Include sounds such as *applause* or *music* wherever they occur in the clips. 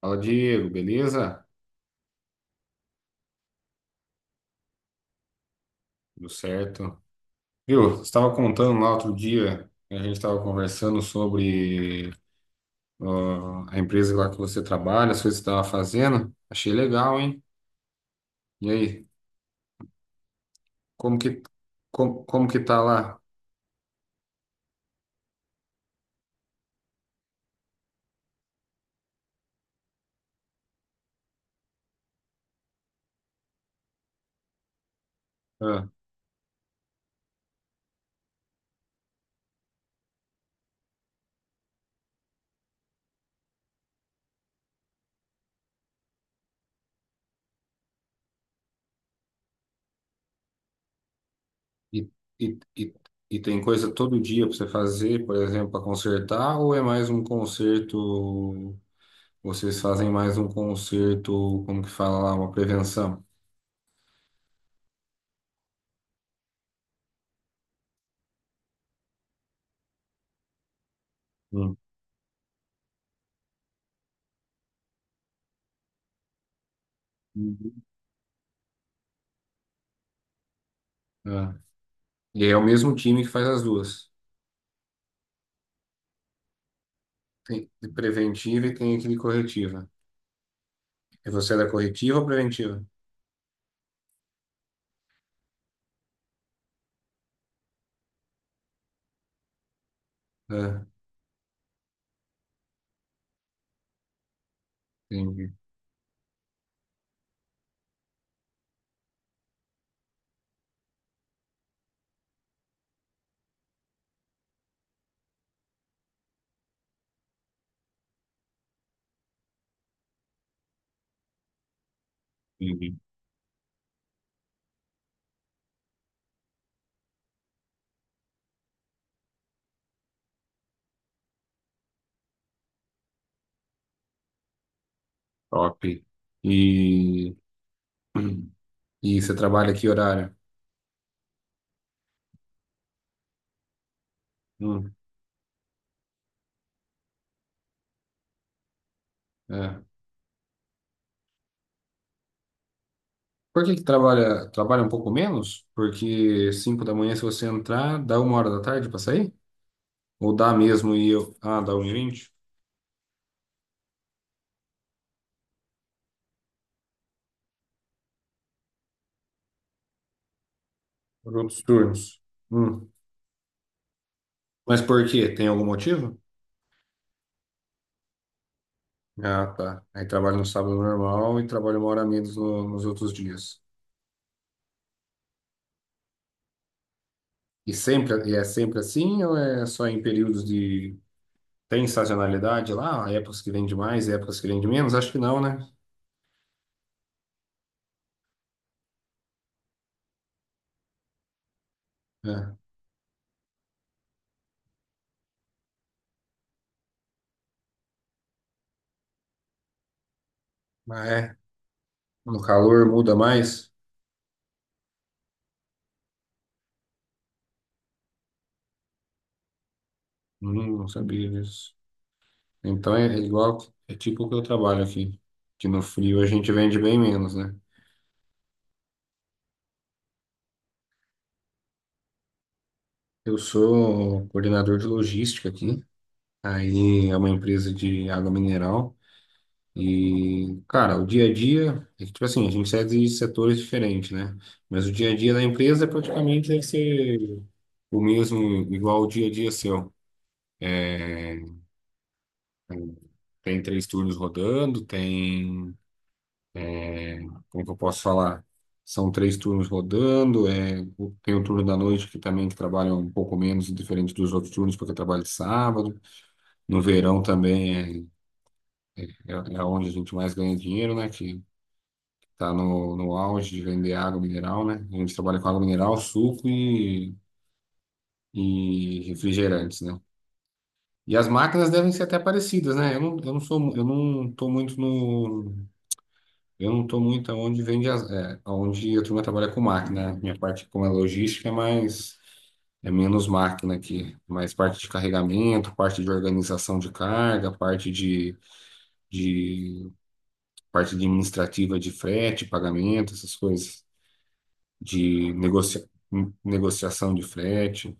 Fala, Diego, beleza? Tudo certo. Viu, você estava contando lá outro dia, né, a gente estava conversando sobre ó, a empresa lá que você trabalha, as coisas que você estava fazendo. Achei legal, hein? E aí, como que, como que tá lá? Ah, e, e, e, e tem coisa todo dia para você fazer, por exemplo, para consertar, ou é mais um conserto, vocês fazem mais um conserto, como que fala lá, uma prevenção? Hum. Uhum. E é o mesmo time que faz as duas. Tem preventiva e tem aquele corretiva. E você é da corretiva ou preventiva? Ah, entendi. Entendi. Top. E, e você trabalha que horário? Hum, é. Por que que trabalha um pouco menos? Porque 5 da manhã, se você entrar, dá uma hora da tarde para sair? Ou dá mesmo e eu. Ah, dá 1 e vinte. Por outros turnos. Hum. Mas por quê? Tem algum motivo? Ah, tá. Aí trabalho no sábado normal e trabalho uma hora a menos nos outros dias. E é sempre assim ou é só em períodos de... Tem sazonalidade lá? Épocas que vende mais, épocas que vende menos? Acho que não, né? É. Mas é. No calor muda mais? Não sabia disso. Então é igual, é tipo o que eu trabalho aqui. Que no frio a gente vende bem menos, né? Eu sou um coordenador de logística aqui. Aí é uma empresa de água mineral. E, cara, o dia a dia, é que, tipo assim, a gente sai de setores diferentes, né? Mas o dia a dia da empresa praticamente deve ser o mesmo, igual o dia a dia seu. Tem três turnos rodando, tem, como que eu posso falar? São três turnos rodando, tem o turno da noite que também que trabalha um pouco menos, diferente dos outros turnos, porque trabalha de sábado. No verão também é onde a gente mais ganha dinheiro, né? Tá no auge de vender água mineral, né? A gente trabalha com água mineral, suco e refrigerantes, né? E as máquinas devem ser até parecidas, né? Eu não tô muito aonde vende as, é, aonde a turma trabalha com máquina, né? Minha parte como é logística é menos máquina aqui, mais parte de carregamento, parte de organização de carga, parte de parte administrativa de frete, pagamento, essas coisas. De negociação de frete.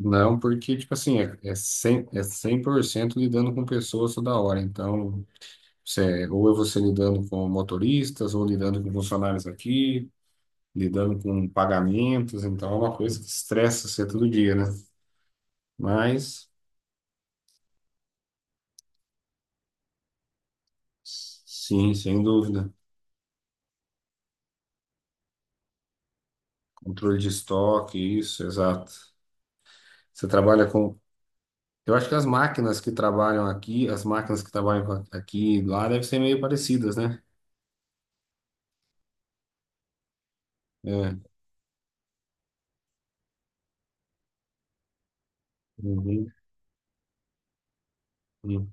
Não, porque, tipo assim, é 100% lidando com pessoas toda hora. Então, ou é você lidando com motoristas, ou lidando com funcionários aqui, lidando com pagamentos. Então, é uma coisa que estressa você todo dia, né? Mas, sim, sem dúvida. Controle de estoque, isso, exato. Você trabalha com. Eu acho que as máquinas que trabalham aqui, as máquinas que trabalham aqui e lá devem ser meio parecidas, né? É, uhum, uhum,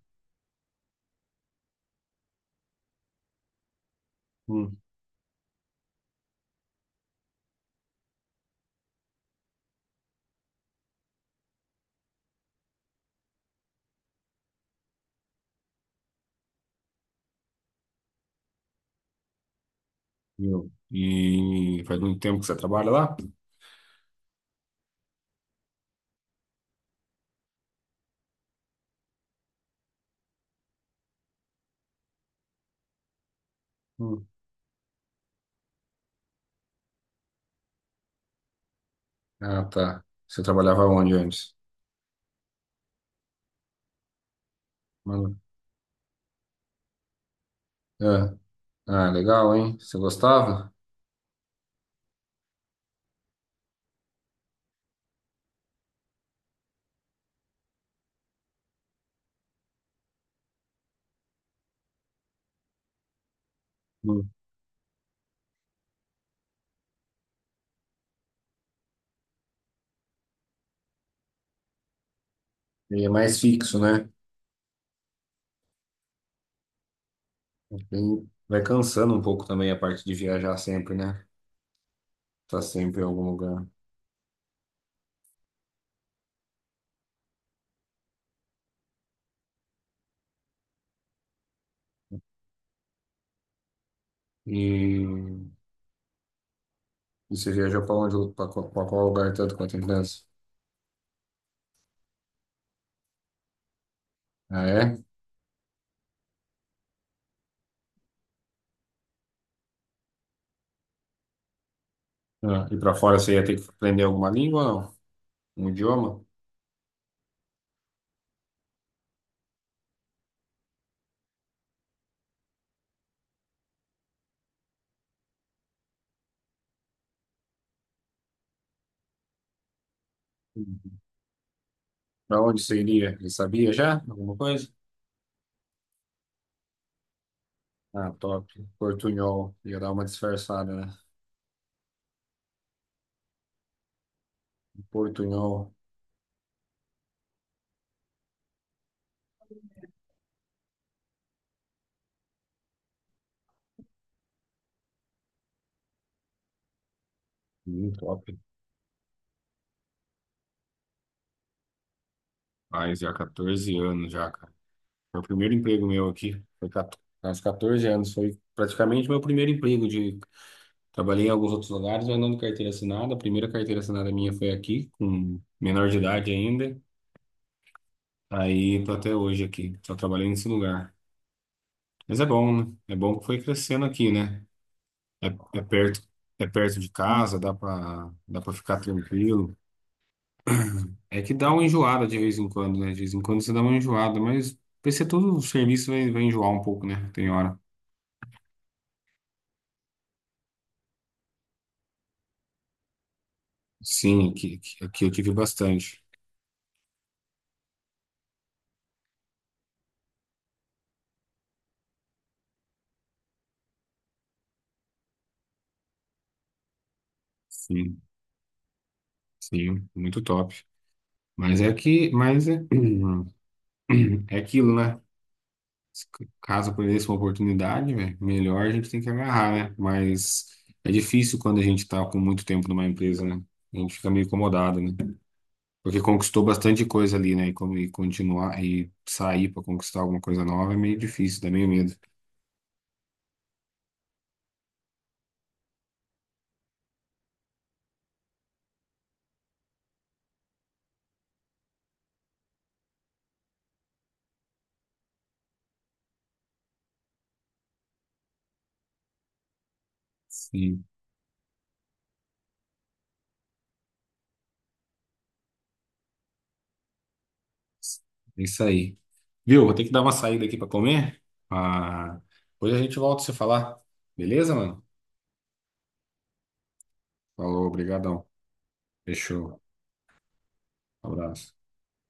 uhum. E faz muito tempo que você trabalha lá? Hum. Ah, tá. Você trabalhava onde antes? Mano. Ah, ah, legal, hein? Você gostava? Hum. E é mais fixo, né? Vai cansando um pouco também a parte de viajar sempre, né? Tá sempre em algum lugar. E você viajou pra onde? Pra qual lugar tanto quanto a criança? Ah, é? Ah, e pra fora você ia ter que aprender alguma língua ou não? Um idioma? Para onde você iria? Ele sabia já? Alguma coisa? Ah, top. Portunhol. Ia dar uma disfarçada, né? Portunhol. Top. Faz já 14 anos já, cara. Foi o primeiro emprego meu aqui. Foi 14, aos 14 anos. Foi praticamente meu primeiro emprego de... Trabalhei em alguns outros lugares, mas não de carteira assinada. A primeira carteira assinada minha foi aqui, com menor de idade ainda. Aí tô até hoje aqui. Só trabalhei nesse lugar. Mas é bom, né? É bom que foi crescendo aqui, né? É, é perto, é perto de casa, dá para ficar tranquilo. É que dá uma enjoada de vez em quando, né? De vez em quando você dá uma enjoada, mas vai ser todo o serviço vai enjoar um pouco, né? Tem hora. Sim, aqui eu tive bastante. Sim, sim, muito top. Mas é que, mas é, *clears throat* É aquilo, né? Caso apareça uma oportunidade, velho, melhor a gente tem que agarrar, né? Mas é difícil quando a gente tá com muito tempo numa empresa, né? A gente fica meio incomodado, né? Porque conquistou bastante coisa ali, né? E continuar e sair para conquistar alguma coisa nova é meio difícil, dá meio medo. Sim. É isso aí. Viu? Vou ter que dar uma saída aqui para comer. Ah, depois a gente volta a se falar. Beleza, mano? Falou, obrigadão. Fechou. Abraço.